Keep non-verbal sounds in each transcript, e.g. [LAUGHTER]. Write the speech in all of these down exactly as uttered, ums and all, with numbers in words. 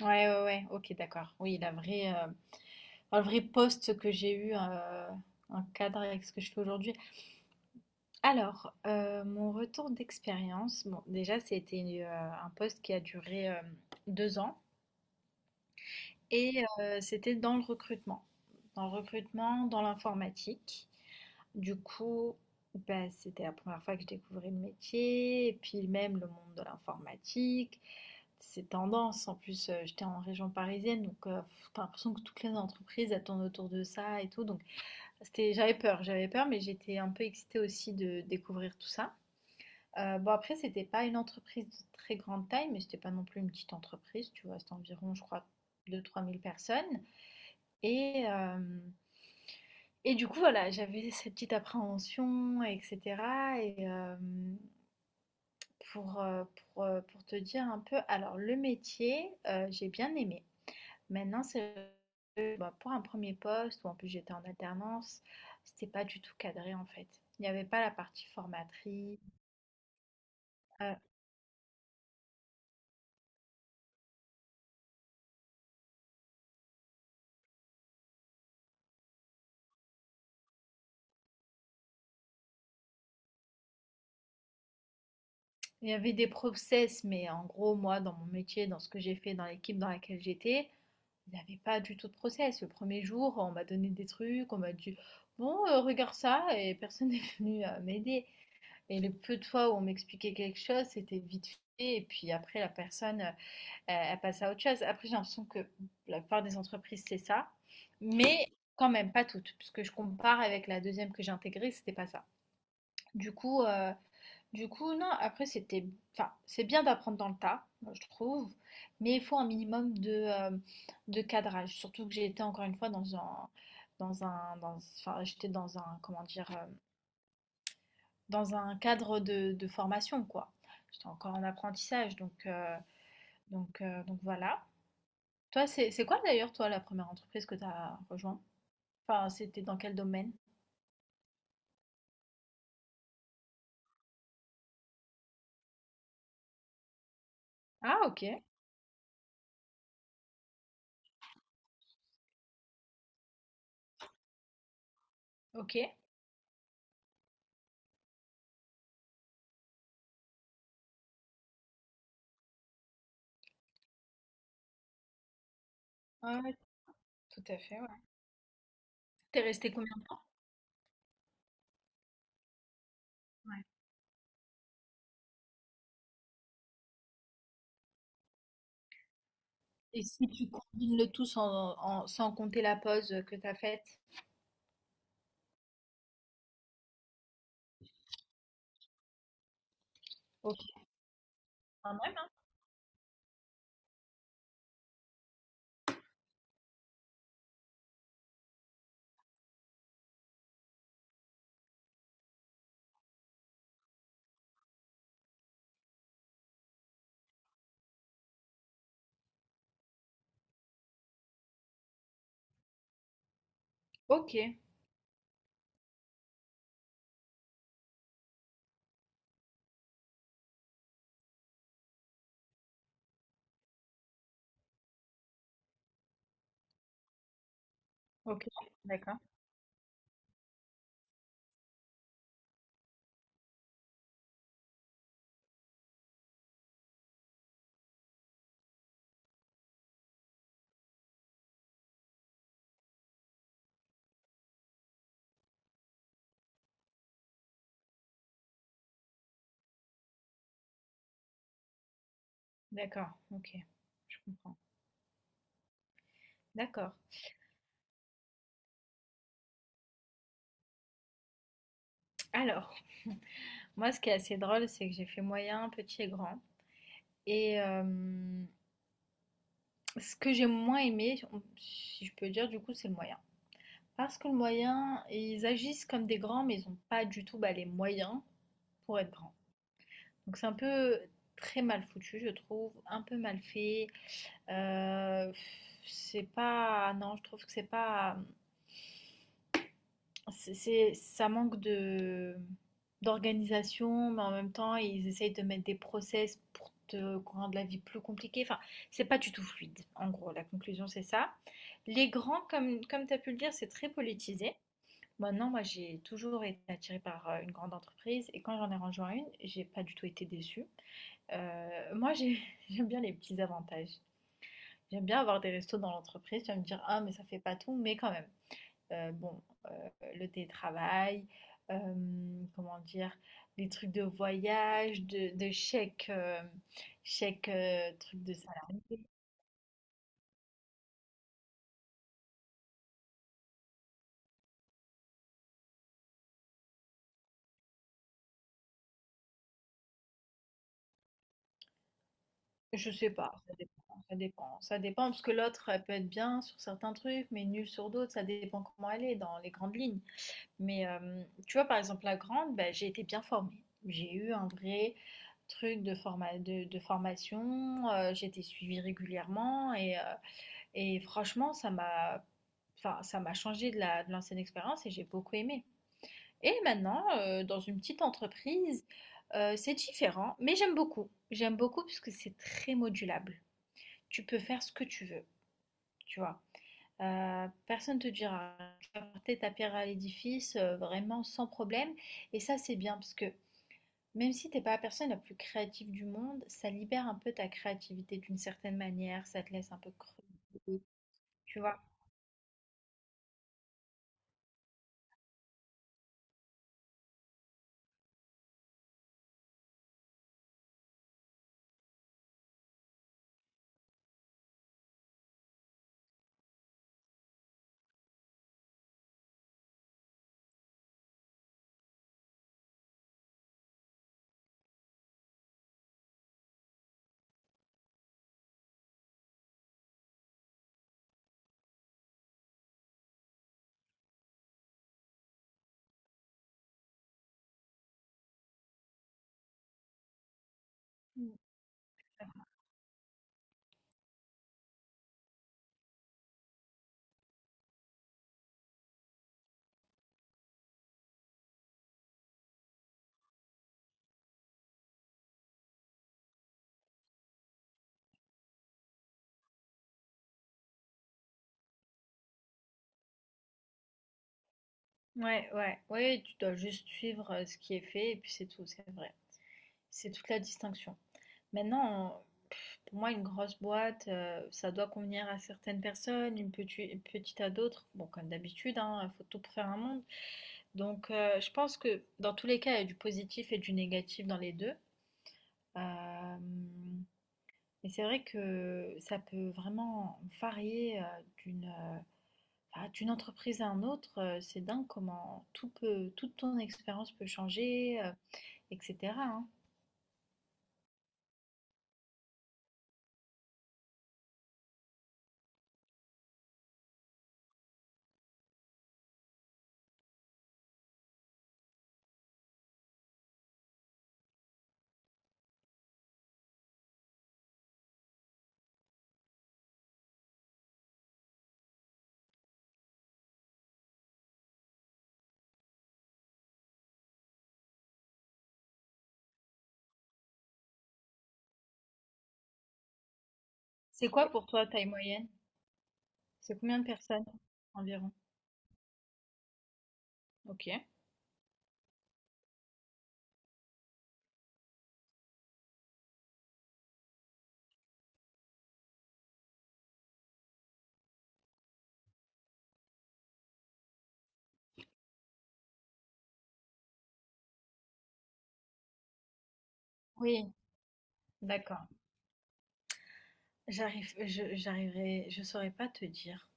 Ouais, ouais, ouais, ok, d'accord. Oui, la vraie, euh, enfin, le vrai poste que j'ai eu euh, en cadre avec ce que je fais aujourd'hui. Alors, euh, mon retour d'expérience, bon, déjà, c'était une, euh, un poste qui a duré euh, deux ans et euh, c'était dans le recrutement, dans le recrutement, dans l'informatique. Du coup, bah, c'était la première fois que je découvrais le métier et puis même le monde de l'informatique. C'est tendance. En plus, euh, j'étais en région parisienne, donc euh, t'as l'impression que toutes les entreprises elles tournent autour de ça et tout. Donc, c'était, j'avais peur, j'avais peur, mais j'étais un peu excitée aussi de découvrir tout ça. Euh, bon, après, c'était pas une entreprise de très grande taille, mais c'était pas non plus une petite entreprise. Tu vois, c'était environ, je crois, deux trois mille personnes. Et, euh, et du coup, voilà, j'avais cette petite appréhension, et cetera. Et euh, pour, euh, pour, euh, pour te dire un peu, alors le métier, euh, j'ai bien aimé. Maintenant, c'est bah, pour un premier poste où en plus j'étais en alternance, c'était pas du tout cadré en fait. Il n'y avait pas la partie formatrice. euh, il y avait des process, mais en gros, moi, dans mon métier, dans ce que j'ai fait, dans l'équipe dans laquelle j'étais, il n'y avait pas du tout de process. Le premier jour, on m'a donné des trucs, on m'a dit, bon, euh, regarde ça, et personne [LAUGHS] n'est venu euh, m'aider. Et le peu de fois où on m'expliquait quelque chose, c'était vite fait. Et puis après, la personne, euh, à passer à autre chose. Après, j'ai l'impression que la plupart des entreprises, c'est ça, mais quand même pas toutes, parce que je compare avec la deuxième que j'ai intégrée, c'était pas ça. Du coup, euh, du coup, non, après, c'était, enfin, c'est bien d'apprendre dans le tas, moi je trouve, mais il faut un minimum de, euh, de cadrage, surtout que j'ai été encore une fois dans un, dans un, dans, enfin, j'étais dans un, comment dire, euh, dans un cadre de, de formation, quoi. J'étais encore en apprentissage, donc, euh, donc, euh, donc voilà. Toi, c'est c'est quoi d'ailleurs, toi, la première entreprise que tu as rejoint? Enfin, c'était dans quel domaine? Ah, ok, ok. Ouais, ouais, tout à fait, ouais. T'es resté combien de temps? Ouais. Et si tu combines le tout sans, en- sans compter la pause que tu as faite? Ok, quand même, hein. Ok, ok, d'accord, d'accord, ok, je comprends. D'accord. Alors, moi, ce qui est assez drôle, c'est que j'ai fait moyen, petit et grand. Et euh, Ce que j'ai moins aimé, on- si je peux dire, du coup, c'est le moyen. Parce que le moyen, ils agissent comme des grands, mais ils ont pas du tout bah, les moyens pour être grands. Donc c'est un peu très mal foutu, je trouve, un peu mal fait. Euh, c'est pas, non, je trouve que c'est pas, c'est, c'est- ça manque de d'organisation, mais en même temps ils essayent de mettre des process pour te rendre la vie plus compliquée. Enfin, c'est pas du tout fluide. En gros, la conclusion c'est ça. Les grands, comme comme tu as pu le dire, c'est très politisé. Maintenant moi j'ai toujours été attirée par euh, une grande entreprise et quand j'en ai rejoint une, j'ai pas du tout été déçue. Euh, moi j'ai- [LAUGHS] J'aime bien les petits avantages. J'aime bien avoir des restos dans l'entreprise. Tu vas me dire, ah mais ça fait pas tout, mais quand même. Euh, bon, euh, le télétravail, euh, comment dire, les trucs de voyage, de, de chèques, euh, chèques, euh, trucs de salarié. Je sais pas, ça dépend, ça dépend. Ça dépend parce que l'autre, elle peut être bien sur certains trucs, mais nulle sur d'autres. Ça dépend comment elle est dans les grandes lignes. Mais euh, tu vois, par exemple, la grande, ben, j'ai été bien formée. J'ai eu un vrai truc de, forma- de, de formation. Euh, j'ai été suivie régulièrement et, euh, et franchement, ça m'a, enfin, ça m'a changé de la, de l'ancienne expérience et j'ai beaucoup aimé. Et maintenant, euh, dans une petite entreprise, euh, c'est différent, mais j'aime beaucoup. J'aime beaucoup parce que c'est très modulable, tu peux faire ce que tu veux, tu vois. Euh, personne te dira, tu vas porter ta pierre à l'édifice euh, vraiment sans problème. Et ça, c'est bien parce que même si t'es pas la personne la plus créative du monde, ça libère un peu ta créativité d'une certaine manière, ça te laisse un peu creux, tu vois. Mm. Ouais, ouais, ouais, tu dois juste suivre euh, ce qui est fait et puis c'est tout, c'est vrai. C'est toute la distinction. Maintenant, pff, pour moi, une grosse boîte, euh, ça doit convenir à certaines personnes, une petite, une petite à d'autres. Bon, comme d'habitude, hein, il faut tout pour faire un monde. Donc, euh, je pense que dans tous les cas, il y a du positif et du négatif dans les deux. Euh, mais c'est vrai que ça peut vraiment varier euh, d'une euh, ah, d'une entreprise à une autre. Euh, c'est dingue comment tout peut, toute ton expérience peut changer, euh, et cetera hein. C'est quoi pour toi, taille moyenne? C'est combien de personnes environ? Ok. Oui, d'accord. J'arrive je j'arriverai je saurais pas te dire.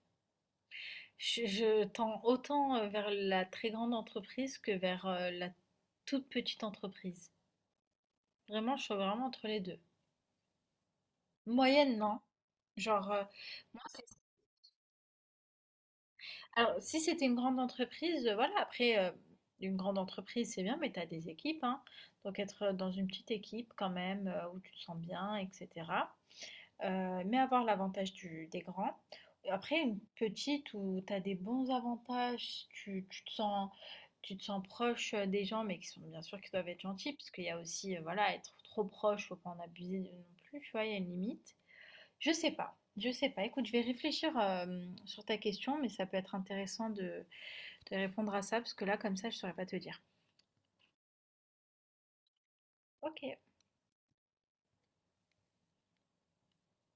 Je je tends autant, heu, vers la très grande entreprise que vers, heu, la toute petite entreprise. Vraiment, je suis vraiment entre les deux. Moyenne, non. Genre, heu, moi c'est alors si c'était une grande entreprise, heu, voilà après, heu, une grande entreprise c'est bien mais tu as des équipes, hein. Donc être, dans une petite équipe quand même, heu, où tu te sens bien et cetera. Euh, mais avoir l'avantage du- des grands. Après, une petite où tu as des bons avantages, tu, tu te sens, tu te sens proche euh, des gens, mais qui sont bien sûr qui doivent être gentils, parce qu'il y a aussi, euh, voilà, être trop proche, faut pas en abuser non plus, tu vois, il y a une limite. Je sais pas, je sais pas. Écoute, je vais réfléchir euh, sur ta question, mais ça peut être intéressant de, de répondre à ça, parce que là, comme ça, je saurais pas te dire. Ok.